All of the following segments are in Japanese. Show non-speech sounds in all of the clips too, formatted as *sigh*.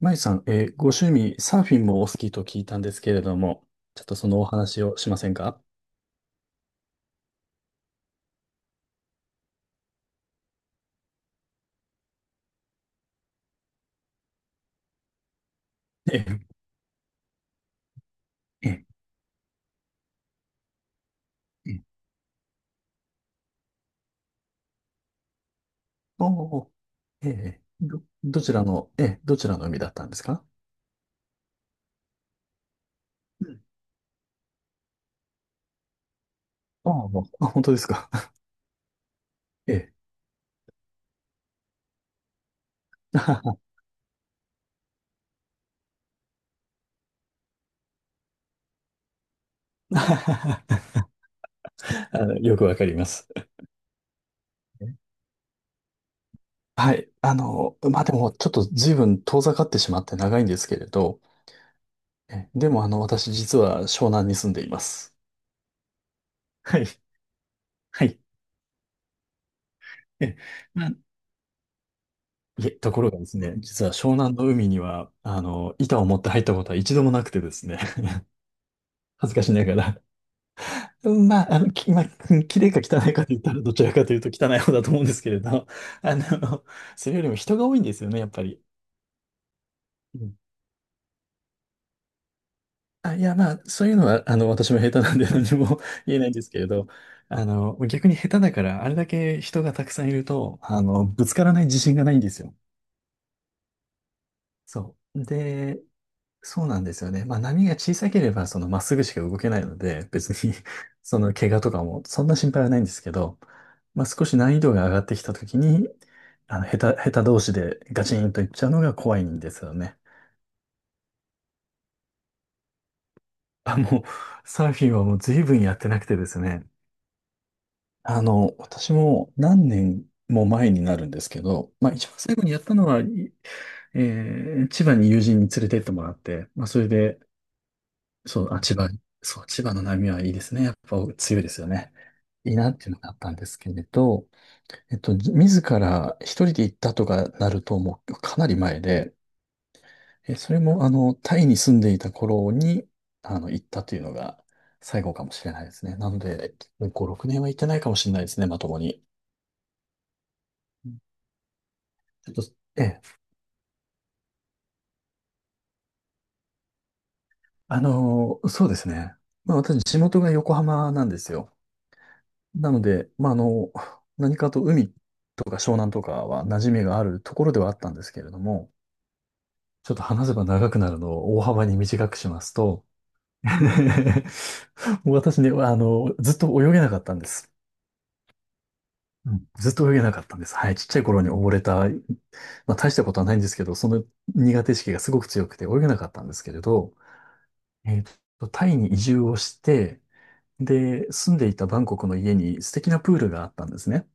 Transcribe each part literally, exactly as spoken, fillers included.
まゆさん、えーご趣味、サーフィンもお好きと聞いたんですけれども、ちょっとそのお話をしませんか？ええ、ええ、え、おお、ええ、ど、どちらの、ええ、どちらの海だったんですか？うん。ああ、もうあ、本当ですか。*laughs* ええ。*laughs* あのよくわかります。ええ、はい。あの、まあ、でも、ちょっと随分遠ざかってしまって長いんですけれど、ええ、でも、あの、私実は湘南に住んでいます。はい。はい。ええ、まあ、いえ、ところがですね、実は湘南の海には、あの、板を持って入ったことは一度もなくてですね、*laughs* 恥ずかしながら。うん、まあ、あの、き、まあ、うん、綺麗か汚いかと言ったら、どちらかというと汚い方だと思うんですけれど、あの、それよりも人が多いんですよね、やっぱり。うん。あ、いや、まあ、そういうのは、あの、私も下手なんで何も *laughs* 言えないんですけれど、あの、逆に下手だから、あれだけ人がたくさんいると、あの、ぶつからない自信がないんですよ。そう。で、そうなんですよね。まあ波が小さければ、そのまっすぐしか動けないので、別に *laughs* その怪我とかもそんな心配はないんですけど、まあ少し難易度が上がってきたときに、あの、下手、下手同士でガチンといっちゃうのが怖いんですよね。あ、もう、サーフィンはもう随分やってなくてですね。あの、私も何年も前になるんですけど、まあ一番最後にやったのは、いえー千葉に友人に連れてってもらって、まあそれで、そう、あ、千葉、そう、千葉の波はいいですね。やっぱ強いですよね。いいなっていうのがあったんですけれど、えっと、じ自ら一人で行ったとかなると、もうかなり前で、え、それも、あの、タイに住んでいた頃に、あの、行ったというのが最後かもしれないですね。なので、ご、ろくねんは行ってないかもしれないですね、まともに。うん、ちょっと、ええ、あの、そうですね。まあ、私、地元が横浜なんですよ。なので、まあ、あの、何かと海とか湘南とかは馴染みがあるところではあったんですけれども、ちょっと話せば長くなるのを大幅に短くしますと、*laughs* もう私ね、あの、ずっと泳げなかったんです。うん、ずっと泳げなかったんです。はい。ちっちゃい頃に溺れた、まあ大したことはないんですけど、その苦手意識がすごく強くて泳げなかったんですけれど、えーと、タイに移住をして、で、住んでいたバンコクの家に素敵なプールがあったんですね。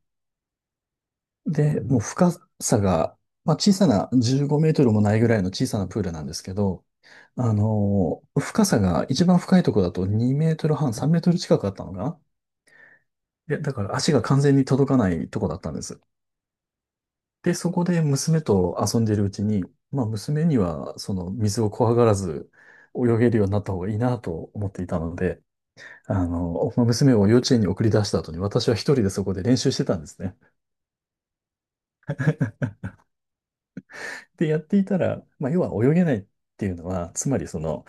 で、もう深さが、まあ、小さなじゅうごメートルもないぐらいの小さなプールなんですけど、あのー深さが一番深いところだとにメートルはん、さんメートル近くあったのかな。で、だから足が完全に届かないとこだったんです。で、そこで娘と遊んでるうちに、まあ娘にはその水を怖がらず泳げるようになった方がいいなと思っていたので、あの、まあ娘を幼稚園に送り出した後に私は一人でそこで練習してたんですね。で、やっていたら、まあ、要は泳げないっていうのは、つまりその、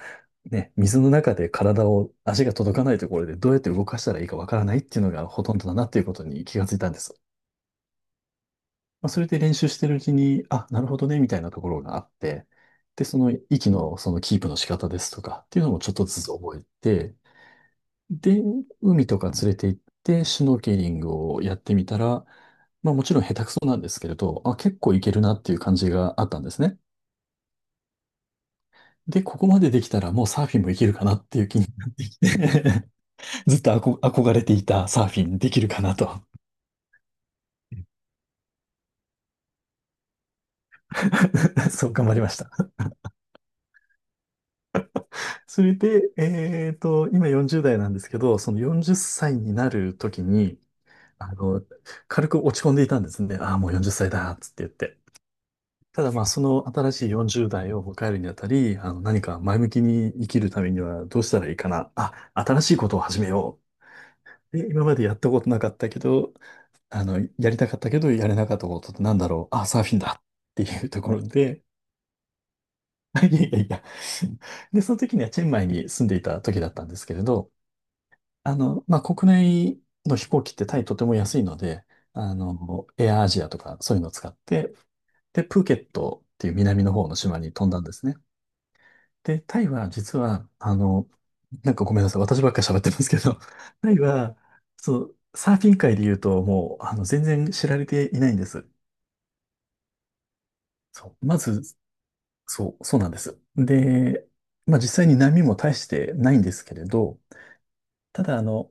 ね、水の中で体を、足が届かないところでどうやって動かしたらいいかわからないっていうのがほとんどだなっていうことに気がついたんです。まあ、それで練習してるうちに、あ、なるほどね、みたいなところがあって、で、その息のそのキープの仕方ですとかっていうのもちょっとずつ覚えて、で、海とか連れて行って、シュノーケリングをやってみたら、まあもちろん下手くそなんですけれど、あ、結構いけるなっていう感じがあったんですね。で、ここまでできたらもうサーフィンもいけるかなっていう気になってきて *laughs* ずっと憧憧れていたサーフィンできるかなと *laughs* そう頑張りました。それで、えっと、今よんじゅうだい代なんですけど、そのよんじゅっさいになる時に、あの、軽く落ち込んでいたんですね。ああ、もうよんじゅっさいだ、つって言って。ただまあ、その新しいよんじゅうだい代を迎えるにあたり、あの、何か前向きに生きるためにはどうしたらいいかな。あ、新しいことを始めよう。で、今までやったことなかったけど、あの、やりたかったけど、やれなかったことってなんだろう。あ、サーフィンだっていうところで、*laughs* いやいやいや。で、その時にはチェンマイに住んでいた時だったんですけれど、あの、まあ、国内の飛行機ってタイとても安いので、あの、エアアジアとかそういうのを使って、で、プーケットっていう南の方の島に飛んだんですね。で、タイは実は、あの、なんかごめんなさい、私ばっかり喋ってますけど、*laughs* タイは、そう、サーフィン界で言うともう、あの、全然知られていないんです。そう、まず、そう、そうなんです。で、まあ実際に波も大してないんですけれど、ただあの、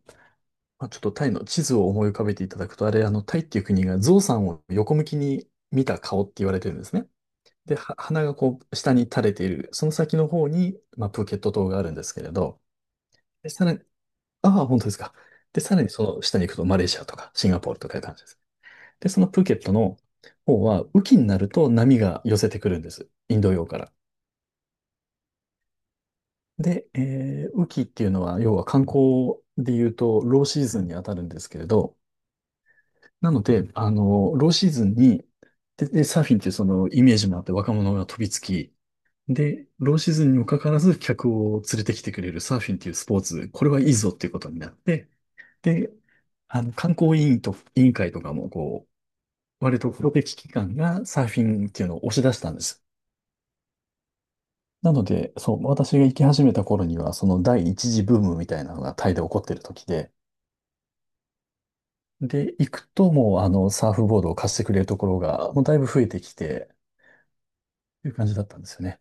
まあ、ちょっとタイの地図を思い浮かべていただくと、あれ、あの、タイっていう国が象さんを横向きに見た顔って言われてるんですね。で、は鼻がこう、下に垂れている、その先の方に、まあ、プーケット島があるんですけれど、で、さらに、ああ、本当ですか。で、さらにその下に行くと、マレーシアとかシンガポールとかいう感じです。で、そのプーケットの方は、雨季になると波が寄せてくるんです。インド洋から。で、えー雨季っていうのは、要は観光で言うと、ローシーズンに当たるんですけれど、なので、あの、ローシーズンに、で、でサーフィンっていうそのイメージもあって若者が飛びつき、で、ローシーズンにもかかわらず客を連れてきてくれるサーフィンっていうスポーツ、これはいいぞっていうことになって、で、あの、観光委員と、委員会とかも、こう、割とプロテキ機関がサーフィンっていうのを押し出したんです。なので、そう、私が行き始めた頃には、その第一次ブームみたいなのがタイで起こってる時で、で、行くともうあの、サーフボードを貸してくれるところが、もうだいぶ増えてきて、という感じだったんですよね。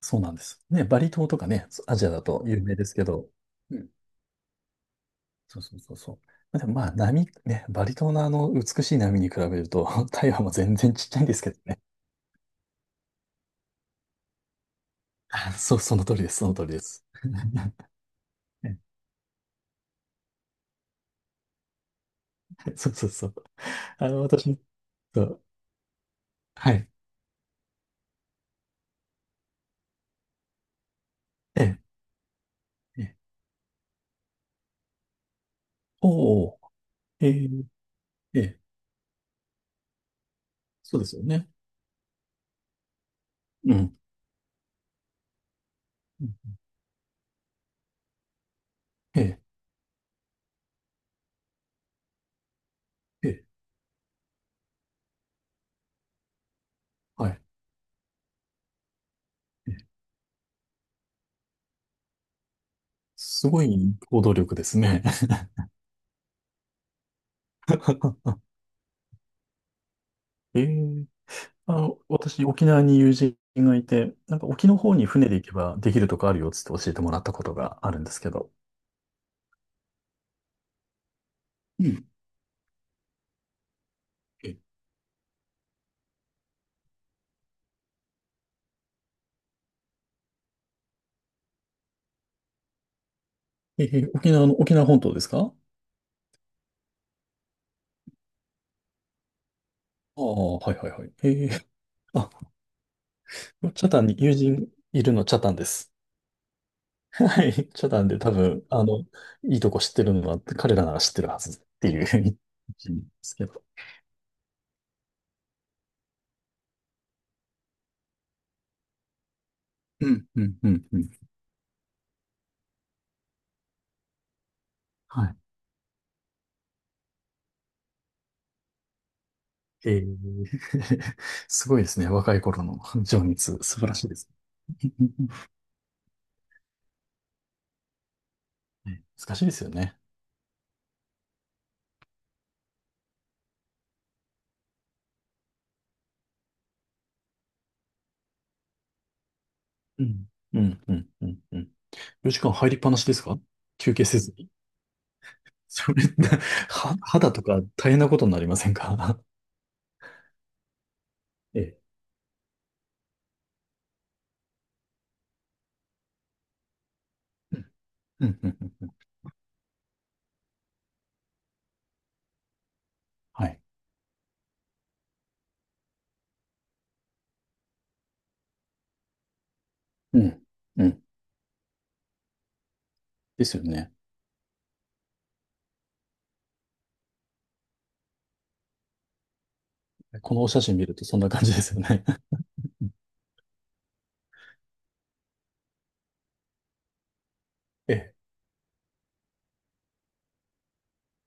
そうなんです。ね、バリ島とかね、アジアだと有名ですけど、うん。そうそうそうそう。でもまあ、波、ね、バリ島のあの、美しい波に比べると、*laughs* 台湾も全然ちっちゃいんですけどね。あ、そう、その通りです、その通りです。ね、そうそうそう。あの、私、そう、はい。ええ、ええ、おお、ええ、ええ、そうですよね。うん。うん、ええ、ええ、はい。すごい行動力ですね。*laughs* えー、あの、私、沖縄に友人がいて、なんか沖の方に船で行けばできるとこあるよっつって教えてもらったことがあるんですけど。うん。え、えー沖縄の、沖縄本島ですか？ああー、はいはいはい。えー、あ、チャタンに友人いるの、チャタンです。はい。チャタンで多分、あの、いいとこ知ってるのは彼らなら知ってるはずっていう *laughs* 意見ですけど。*laughs* うん、うん、うん、うん。はい、ええ。 *laughs* すごいですね。若い頃の情熱、素晴らしいです。*laughs* ね、難しいですよね。うん。うん、うん、うん、うん。よじかん入りっぱなしですか？休憩せずに。*laughs* それ、*laughs* は、肌とか大変なことになりませんか？ *laughs* ええ。うん、うん、うん。はい。うん、うん。ですよね。このお写真見るとそんな感じですよね。*laughs* うん、ええ。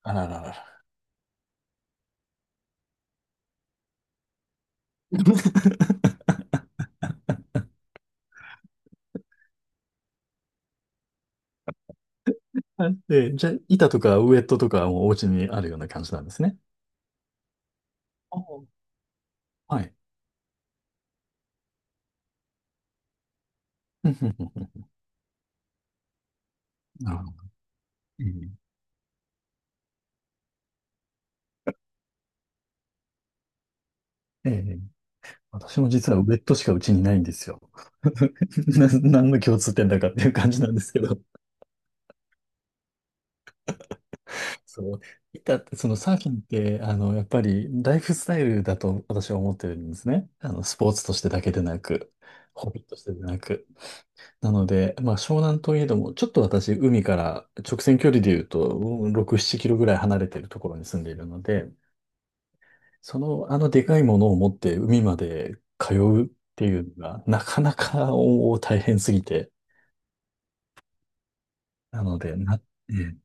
あらららら。あ、ええ、じゃあ、板とかウエットとかもお家にあるような感じなんですね。ああ、はい。うん、うん、うん、うん、なるほど。ええ、私も実はウェットしかうちにないんですよ。*laughs* な、何の共通点だかっていう感じなんですけど。*laughs* そう。板って、そのサーフィンって、あの、やっぱりライフスタイルだと私は思ってるんですね。あの、スポーツとしてだけでなく、ホビーとしてでなく。なので、まあ、湘南といえども、ちょっと私、海から直線距離で言うと、うんろく、ななキロぐらい離れてるところに住んでいるので、その、あのでかいものを持って海まで通うっていうのが、なかなかおお大変すぎて。なので、な、ええ、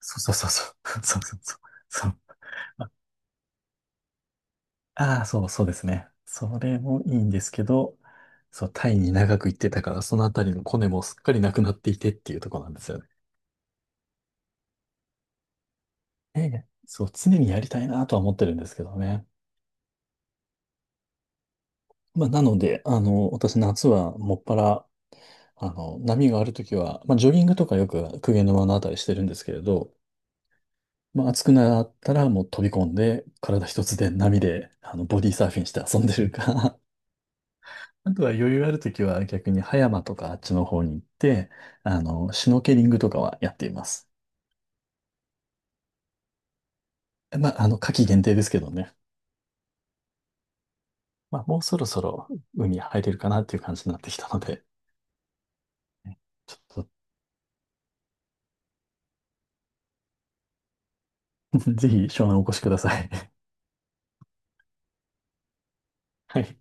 そうそうそうそう、*laughs* そうそうそう、そう。ああ、そう、そうですね。それもいいんですけど、そう、タイに長く行ってたから、そのあたりのコネもすっかりなくなっていてっていうところなんですよね。ええ、そう、常にやりたいなとは思ってるんですけどね。まあ、なので、あの、私夏はもっぱら、あの、波があるときは、まあ、ジョギングとかよく公家沼のあたりしてるんですけれど、まあ、暑くなったらもう飛び込んで、体一つで波で、あの、ボディーサーフィンして遊んでるか、*laughs* あとは余裕あるときは逆に葉山とかあっちの方に行って、あの、シュノーケリングとかはやっています。まあ、あの、夏季限定ですけどね。まあ、もうそろそろ海入れるかなっていう感じになってきたので、ちょっと *laughs* ぜひ湘南お越しください。*laughs* はい。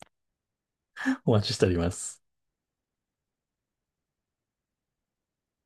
お待ちしております。